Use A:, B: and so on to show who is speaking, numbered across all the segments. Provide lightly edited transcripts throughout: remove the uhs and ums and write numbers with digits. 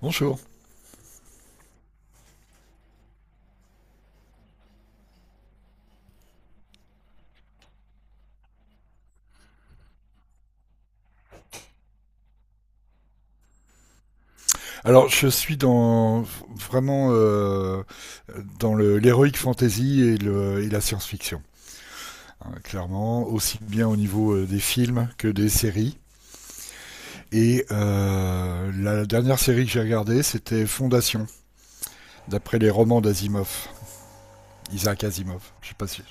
A: Bonjour. Alors, je suis dans vraiment dans l'héroïque fantasy et, et la science-fiction, hein, clairement, aussi bien au niveau des films que des séries. Et la dernière série que j'ai regardée, c'était Fondation, d'après les romans d'Asimov. Isaac Asimov, je sais pas si.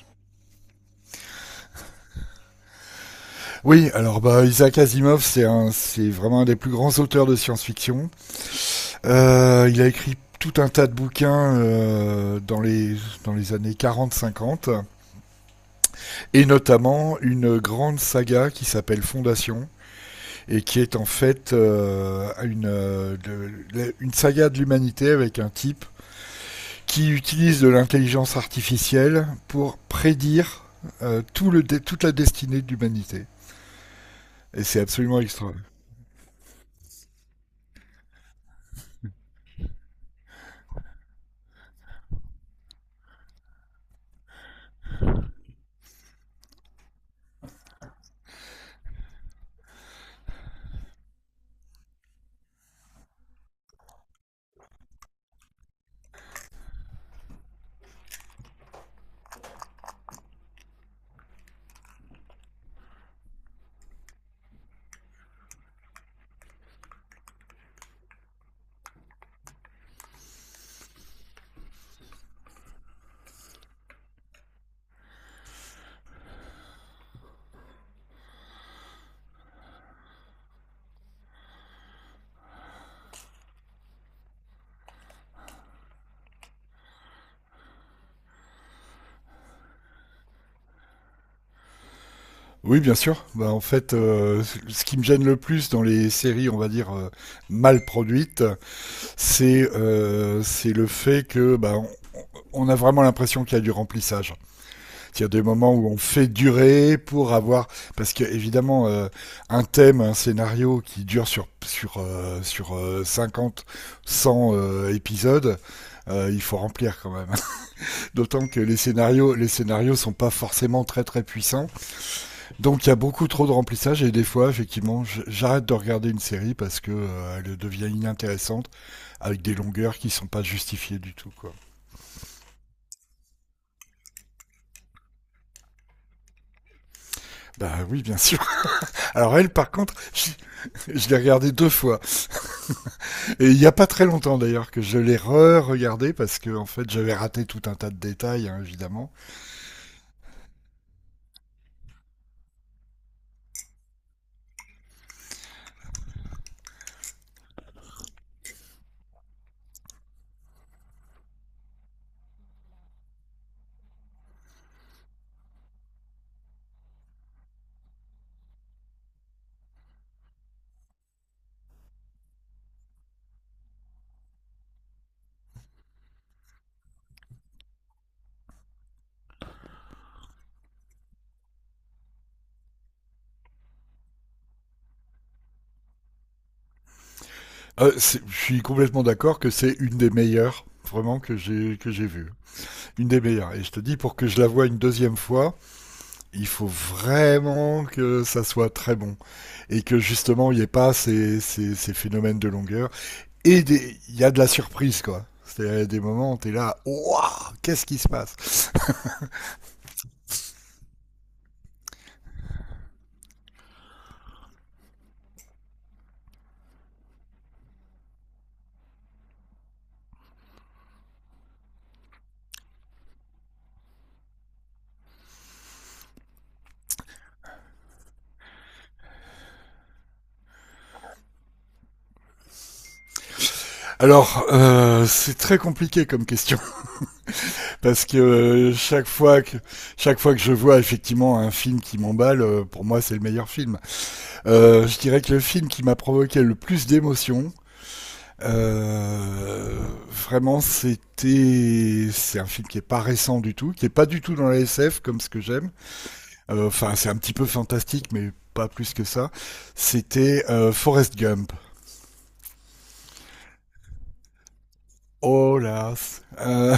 A: Oui, alors Isaac Asimov, c'est c'est vraiment un des plus grands auteurs de science-fiction. Il a écrit tout un tas de bouquins dans les années 40-50. Et notamment une grande saga qui s'appelle Fondation et qui est en fait une saga de l'humanité avec un type qui utilise de l'intelligence artificielle pour prédire toute la destinée de l'humanité. Et c'est absolument extra. Oui, bien sûr. Bah, en fait, ce qui me gêne le plus dans les séries, on va dire, mal produites, c'est le fait que bah, on a vraiment l'impression qu'il y a du remplissage. Il y a des moments où on fait durer pour avoir parce que évidemment un thème, un scénario qui dure sur 50 100 épisodes, il faut remplir quand même. D'autant que les scénarios sont pas forcément très très puissants. Donc il y a beaucoup trop de remplissage et des fois effectivement, j'arrête de regarder une série parce que elle devient inintéressante avec des longueurs qui sont pas justifiées du tout quoi. Bah oui, bien sûr. Alors elle par contre, je l'ai regardée deux fois. Et il n'y a pas très longtemps d'ailleurs que je l'ai re-regardé parce que en fait j'avais raté tout un tas de détails hein, évidemment. Je suis complètement d'accord que c'est une des meilleures vraiment que j'ai vue. Une des meilleures. Et je te dis pour que je la voie une deuxième fois, il faut vraiment que ça soit très bon et que justement il n'y ait pas ces phénomènes de longueur il y a de la surprise quoi. C'est des moments où t'es là, waouh, qu'est-ce qui se passe. Alors, c'est très compliqué comme question. Parce que chaque fois que je vois effectivement un film qui m'emballe, pour moi c'est le meilleur film. Je dirais que le film qui m'a provoqué le plus d'émotions, euh, vraiment c'est un film qui est pas récent du tout, qui est pas du tout dans la SF comme ce que j'aime. Enfin c'est un petit peu fantastique mais pas plus que ça. C'était Forrest Gump. Oh là, euh,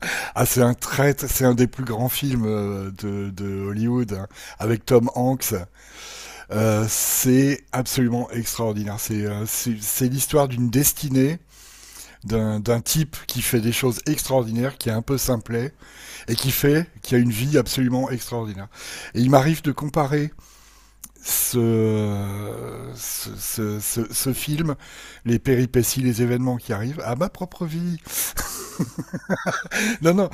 A: ah c'est un c'est un des plus grands films de Hollywood hein, avec Tom Hanks. C'est absolument extraordinaire. C'est c'est l'histoire d'une destinée d'un type qui fait des choses extraordinaires, qui est un peu simplet et qui fait, qui a une vie absolument extraordinaire. Et il m'arrive de comparer ce film, les péripéties, les événements qui arrivent à ma propre vie. Non, non,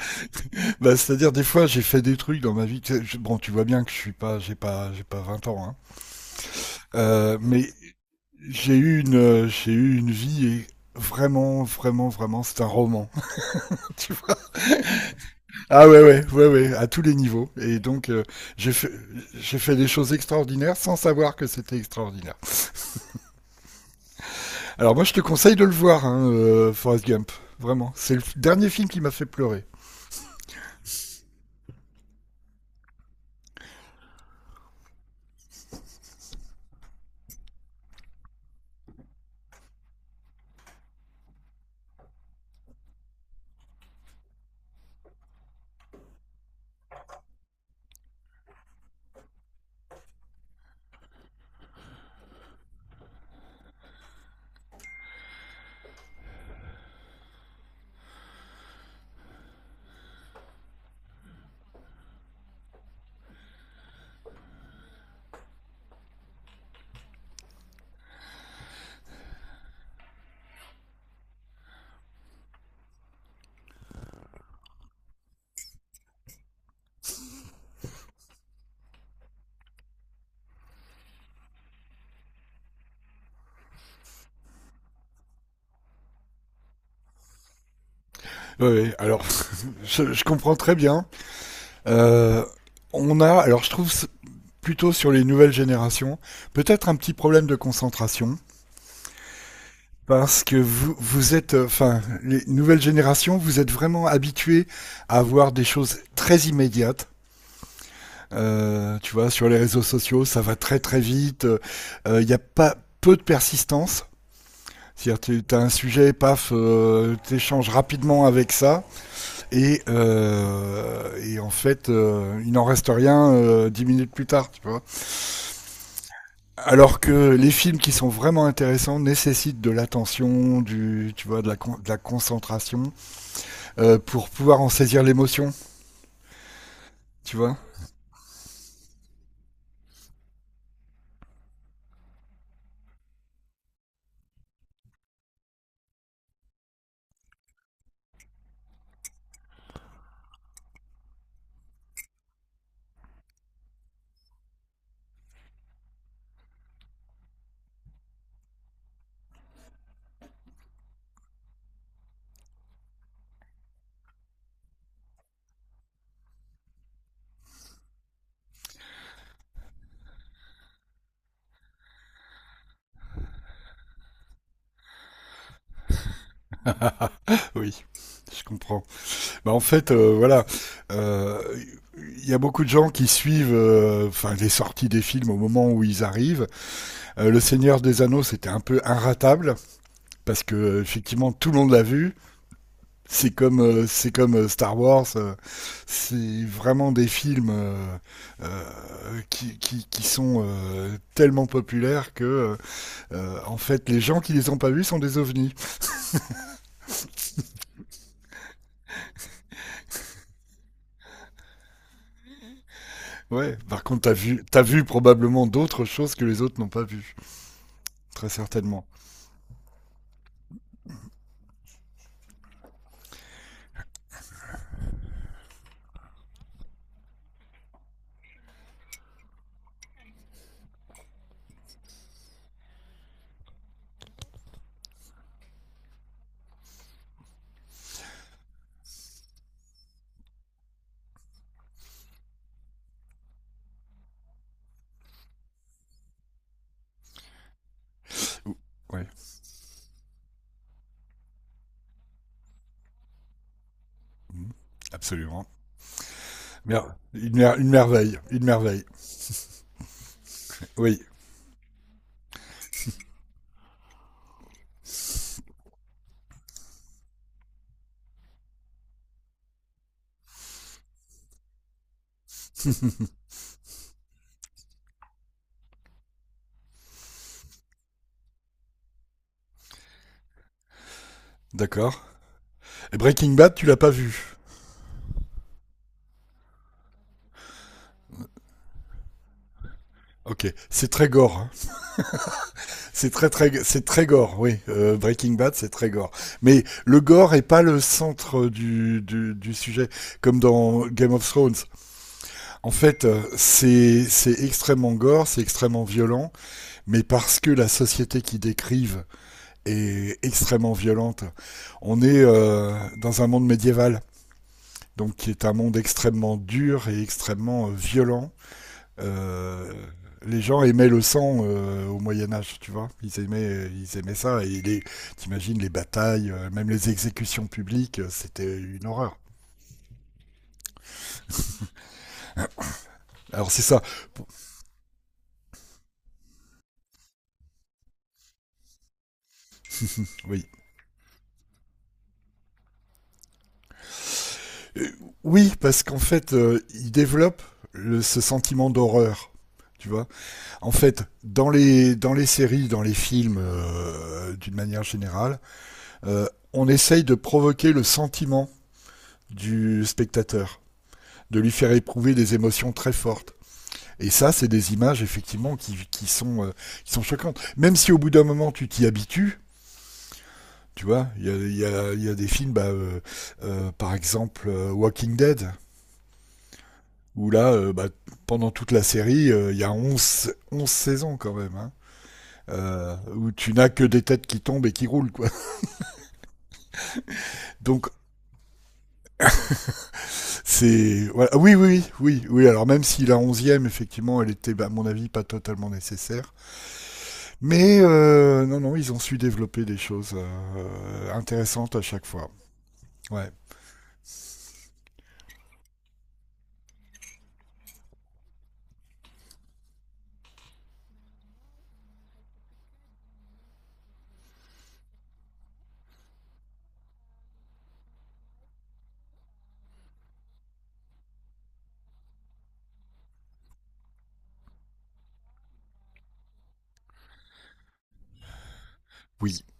A: bah, c'est-à-dire des fois j'ai fait des trucs dans ma vie. Bon, tu vois bien que je suis pas, j'ai pas 20 ans, hein. Euh, mais j'ai eu une vie et vraiment, vraiment, vraiment, c'est un roman, tu vois. Ah ouais, ouais, ouais, ouais, à tous les niveaux. Et donc, j'ai fait, j'ai fait des choses extraordinaires sans savoir que c'était extraordinaire. Alors moi, je te conseille de le voir, hein, Forrest Gump. Vraiment, c'est dernier film qui m'a fait pleurer. Ouais, ouais, alors, je comprends très bien. Euh, on a, alors je trouve plutôt sur les nouvelles générations, peut-être un petit problème de concentration. Parce que vous êtes, enfin, les nouvelles générations, vous êtes vraiment habitués à avoir des choses très immédiates. Tu vois, sur les réseaux sociaux, ça va très très vite. Il n'y a pas peu de persistance. C'est-à-dire, tu as un sujet, paf, t'échanges rapidement avec ça, et en fait, il n'en reste rien 10 minutes plus tard, tu vois. Alors que les films qui sont vraiment intéressants nécessitent de l'attention, tu vois, de la concentration, pour pouvoir en saisir l'émotion, tu vois. Oui, je comprends. Bah, en fait, voilà, euh, il y a beaucoup de gens qui suivent enfin les sorties des films au moment où ils arrivent. Le Seigneur des Anneaux, c'était un peu inratable parce que effectivement tout le monde l'a vu. C'est comme Star Wars, c'est vraiment des films qui sont tellement populaires que en fait les gens qui les ont pas vus sont des ovnis. Ouais, par contre, t'as vu probablement d'autres choses que les autres n'ont pas vues, très certainement. Ou- Ouais, mhm, absolument. Une merveille, une merveille. Oui, d'accord. Et Breaking Bad, tu l'as pas vu. Ok, c'est très gore, hein. C'est c'est très gore. Oui, Breaking Bad, c'est très gore. Mais le gore est pas le centre du sujet, comme dans Game of Thrones. En fait, c'est extrêmement gore, c'est extrêmement violent. Mais parce que la société qu'ils décrivent est extrêmement violente. On est dans un monde médiéval, donc qui est un monde extrêmement dur et extrêmement violent. Euh, les gens aimaient le sang au Moyen Âge, tu vois. Ils aimaient ça. Et t'imagines les batailles, même les exécutions publiques, c'était une horreur. Alors c'est ça. Bon, oui, Euh, oui, parce qu'en fait, ils développent ce sentiment d'horreur, tu vois. En fait, dans dans les séries, dans les films, d'une manière générale, euh, on essaye de provoquer le sentiment du spectateur, de lui faire éprouver des émotions très fortes. Et ça, c'est des images effectivement qui sont choquantes. Même si au bout d'un moment tu t'y habitues, tu vois, y a des films, par exemple Walking Dead, où là, pendant toute la série, il y a 11, 11 saisons quand même, hein. Où tu n'as que des têtes qui tombent et qui roulent quoi. Donc c'est voilà. Oui oui oui oui alors même si la onzième effectivement elle était bah, à mon avis pas totalement nécessaire mais non non ils ont su développer des choses intéressantes à chaque fois. Ouais, oui.